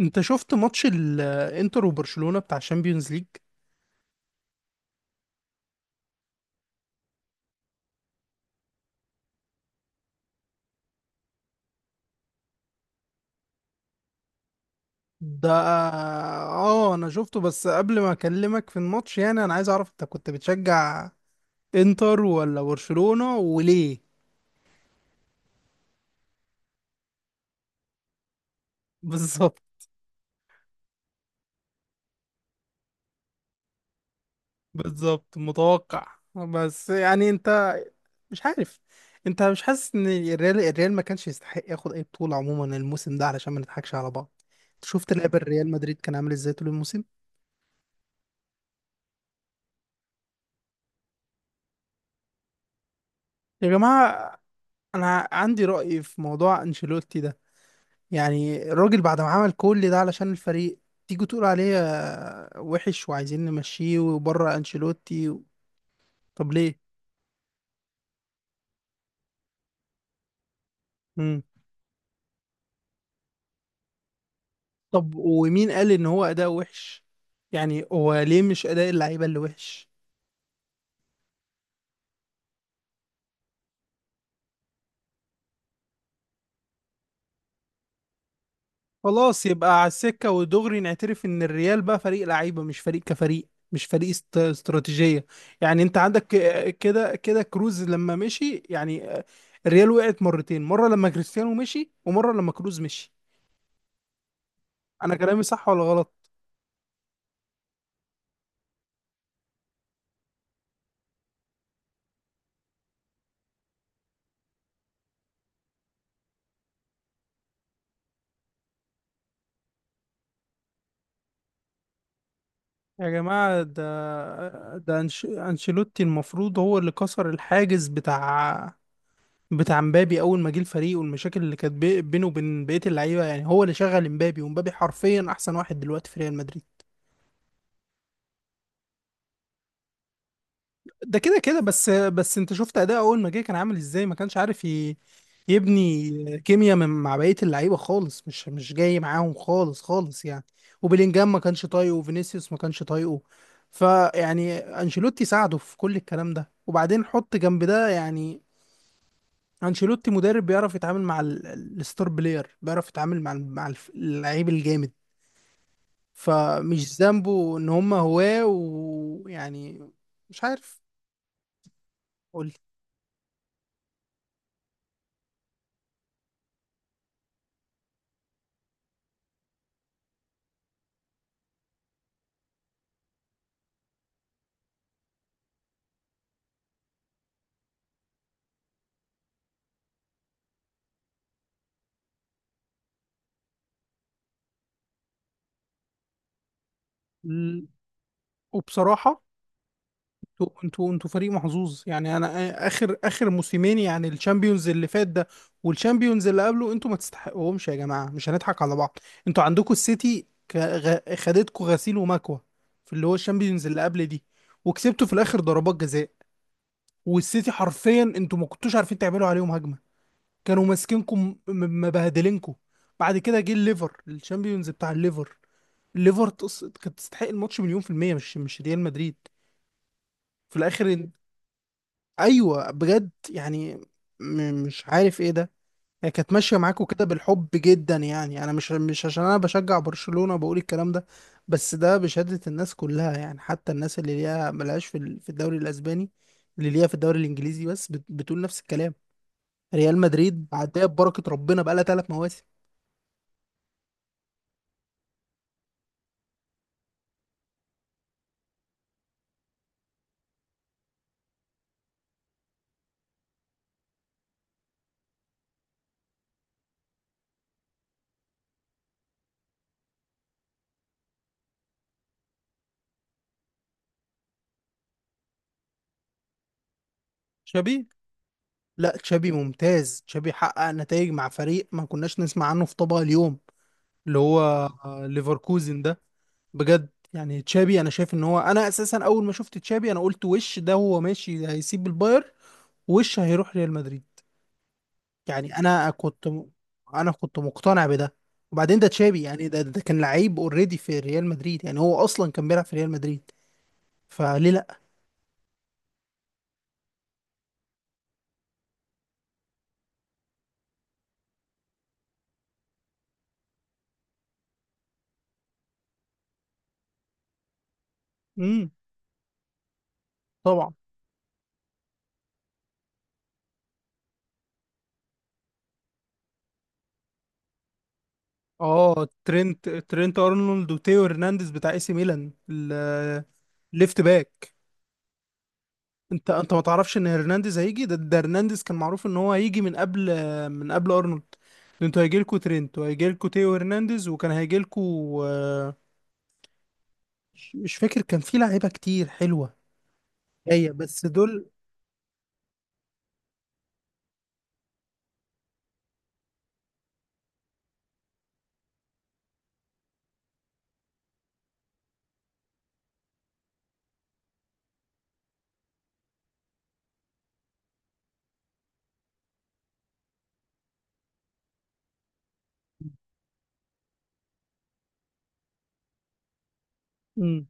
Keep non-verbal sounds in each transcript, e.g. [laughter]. انت شفت ماتش الانتر وبرشلونة بتاع الشامبيونز ليج؟ ده. اه، انا شفته بس قبل ما اكلمك في الماتش، يعني انا عايز اعرف انت كنت بتشجع انتر ولا برشلونة وليه؟ [laughs] بالظبط. بالظبط، متوقع. بس يعني انت مش عارف، انت مش حاسس ان الريال ما كانش يستحق ياخد اي بطولة عموما الموسم ده علشان ما نضحكش على بعض؟ شفت لعب الريال مدريد كان عامل ازاي طول الموسم؟ يا جماعة، انا عندي رأي في موضوع انشيلوتي ده. يعني الراجل بعد ما عمل كل ده علشان الفريق، تيجي تقول عليه وحش وعايزين نمشيه وبره انشيلوتي و... طب ليه؟ مم. طب ومين قال ان هو اداء وحش؟ يعني هو ليه مش اداء اللعيبه اللي وحش؟ خلاص، يبقى على السكه ودغري نعترف ان الريال بقى فريق لعيبه، مش فريق كفريق، مش فريق استراتيجيه. يعني انت عندك كده كده كروز لما مشي، يعني الريال وقعت مرتين، مره لما كريستيانو مشي ومره لما كروز مشي. انا كلامي صح ولا غلط؟ يا جماعة ده. ده أنشيلوتي المفروض هو اللي كسر الحاجز بتاع مبابي أول ما جه الفريق، والمشاكل اللي كانت بينه وبين بقية اللعيبة، يعني هو اللي شغل مبابي، ومبابي حرفيا أحسن واحد دلوقتي في ريال مدريد. ده كده كده، بس انت شفت اداء اول ما جه كان عامل ازاي، ما كانش عارف يبني كيمياء من مع بقيه اللعيبه خالص، مش جاي معاهم خالص خالص يعني. وبيلينجهام ما كانش طايقه، وفينيسيوس ما كانش طايقه. فيعني انشيلوتي ساعده في كل الكلام ده، وبعدين حط جنب ده يعني. انشيلوتي مدرب بيعرف يتعامل مع الستار بلاير، بيعرف يتعامل مع اللعيب الجامد. فمش ذنبه ان هم هواه، ويعني مش عارف. قول. وبصراحة انتوا فريق محظوظ، يعني انا اخر اخر موسمين، يعني الشامبيونز اللي فات ده والشامبيونز اللي قبله، انتوا ما تستحقوهمش يا جماعة، مش هنضحك على بعض. انتوا عندكم السيتي خدتكوا غسيل ومكوى في اللي هو الشامبيونز اللي قبل دي، وكسبتوا في الاخر ضربات جزاء. والسيتي حرفيا انتوا ما كنتوش عارفين تعملوا عليهم هجمة، كانوا ماسكينكم مبهدلينكم. بعد كده جه الليفر، الشامبيونز بتاع الليفر. الليفر كانت تستحق الماتش مليون في المية، مش ريال مدريد، في الاخر. ايوه، بجد يعني. مش عارف ايه ده. هي كانت ماشيه معاكوا كده بالحب جدا، يعني انا، مش عشان انا بشجع برشلونه بقول الكلام ده، بس ده بشهاده الناس كلها يعني، حتى الناس اللي ليها ملهاش في في الدوري الاسباني، اللي ليها في الدوري الانجليزي بس بتقول نفس الكلام. ريال مدريد عداها ببركه ربنا بقالها 3 مواسم. شبيه. لا، تشابي ممتاز. تشابي حقق نتائج مع فريق ما كناش نسمع عنه في طبق اليوم، اللي هو ليفركوزن ده. بجد يعني تشابي، انا شايف ان هو، انا اساسا اول ما شفت تشابي انا قلت وش ده؟ هو ماشي هيسيب الباير وش هيروح ريال مدريد؟ يعني انا كنت انا كنت مقتنع بده. وبعدين ده تشابي يعني، ده كان لعيب اوريدي في ريال مدريد، يعني هو اصلا كان بيلعب في ريال مدريد، فليه لا؟ امم طبعا. اه، ترينت ارنولد وتيو هرنانديز بتاع AC ميلان، ليفت باك. انت ما تعرفش ان هرنانديز هيجي؟ ده هرنانديز كان معروف ان هو هيجي من قبل، من قبل ارنولد. ده انتوا هيجي لكم ترينت وهيجي لكم تيو هرنانديز، وكان هيجي لكم. مش فاكر، كان في لعيبه كتير حلوه. هي بس دول. مم.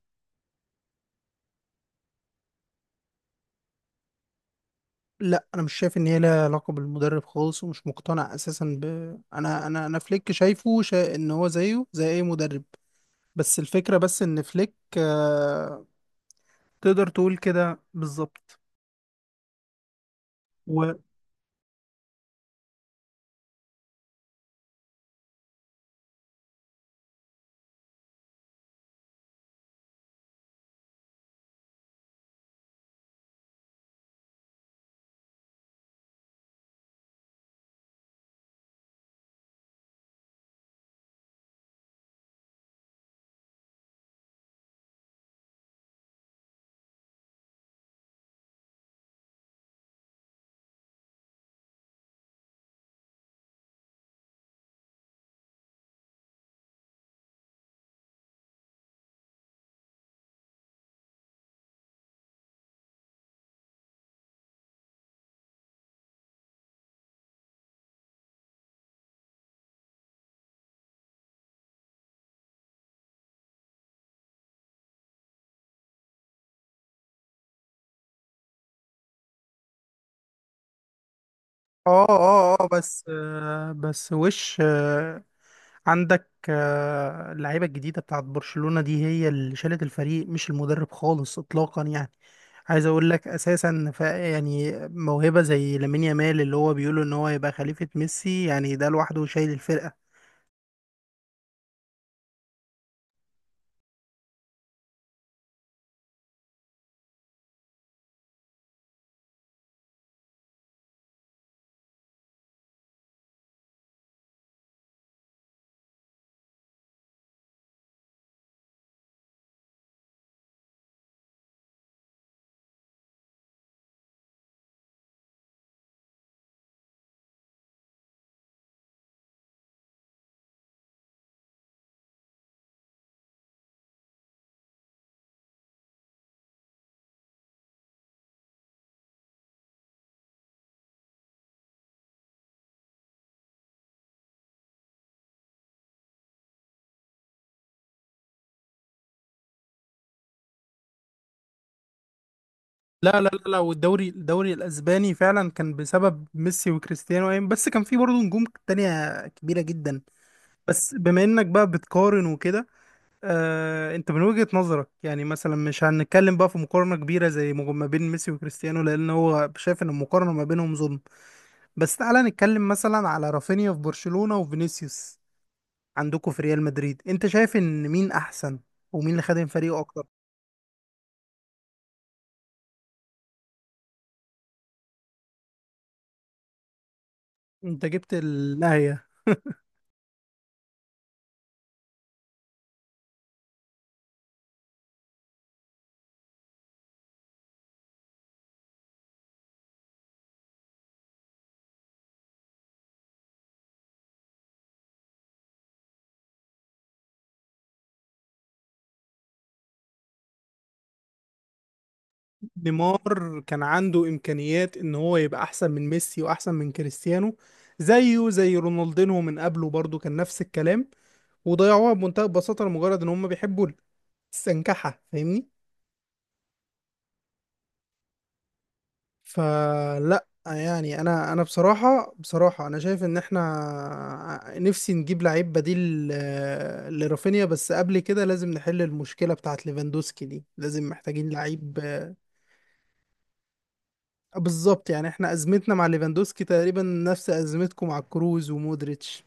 لا، انا مش شايف ان هي لها علاقه بالمدرب خالص، ومش مقتنع اساسا ب انا فليك شايفه ان هو زيه زي اي مدرب. بس الفكره، بس ان فليك تقدر تقول كده بالظبط. اه اه اه، بس بس وش عندك اللعيبه الجديده بتاعت برشلونه دي هي اللي شالت الفريق، مش المدرب خالص اطلاقا يعني. عايز اقول لك اساسا يعني موهبه زي لامين يامال، اللي هو بيقولوا ان هو يبقى خليفه ميسي، يعني ده لوحده شايل الفرقه. لا لا لا لا، والدوري الدوري الاسباني فعلا كان بسبب ميسي وكريستيانو، بس كان في برضه نجوم تانية كبيره جدا، بس بما انك بقى بتقارن وكده. انت من وجهة نظرك يعني، مثلا مش هنتكلم بقى في مقارنة كبيرة زي ما بين ميسي وكريستيانو لان هو شايف ان المقارنة ما بينهم ظلم، بس تعالى نتكلم مثلا على رافينيا في برشلونة وفينيسيوس عندكم في ريال مدريد. انت شايف ان مين احسن؟ ومين اللي خدم فريقه اكتر؟ انت جبت النهاية. نيمار كان عنده امكانيات ان هو يبقى احسن من ميسي واحسن من كريستيانو، زيه زي رونالدينو من قبله، برضه كان نفس الكلام. وضيعوها بمنتهى البساطة لمجرد ان هم بيحبوا استنكحها، فاهمني؟ فلا، يعني انا بصراحه بصراحه، انا شايف ان احنا نفسي نجيب لعيب بديل لرافينيا. بس قبل كده لازم نحل المشكله بتاعت ليفاندوسكي دي، لازم محتاجين لعيب بالظبط، يعني احنا ازمتنا مع ليفاندوسكي تقريبا نفس ازمتكم مع كروز ومودريتش.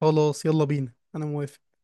خلاص، يلا بينا انا موافق.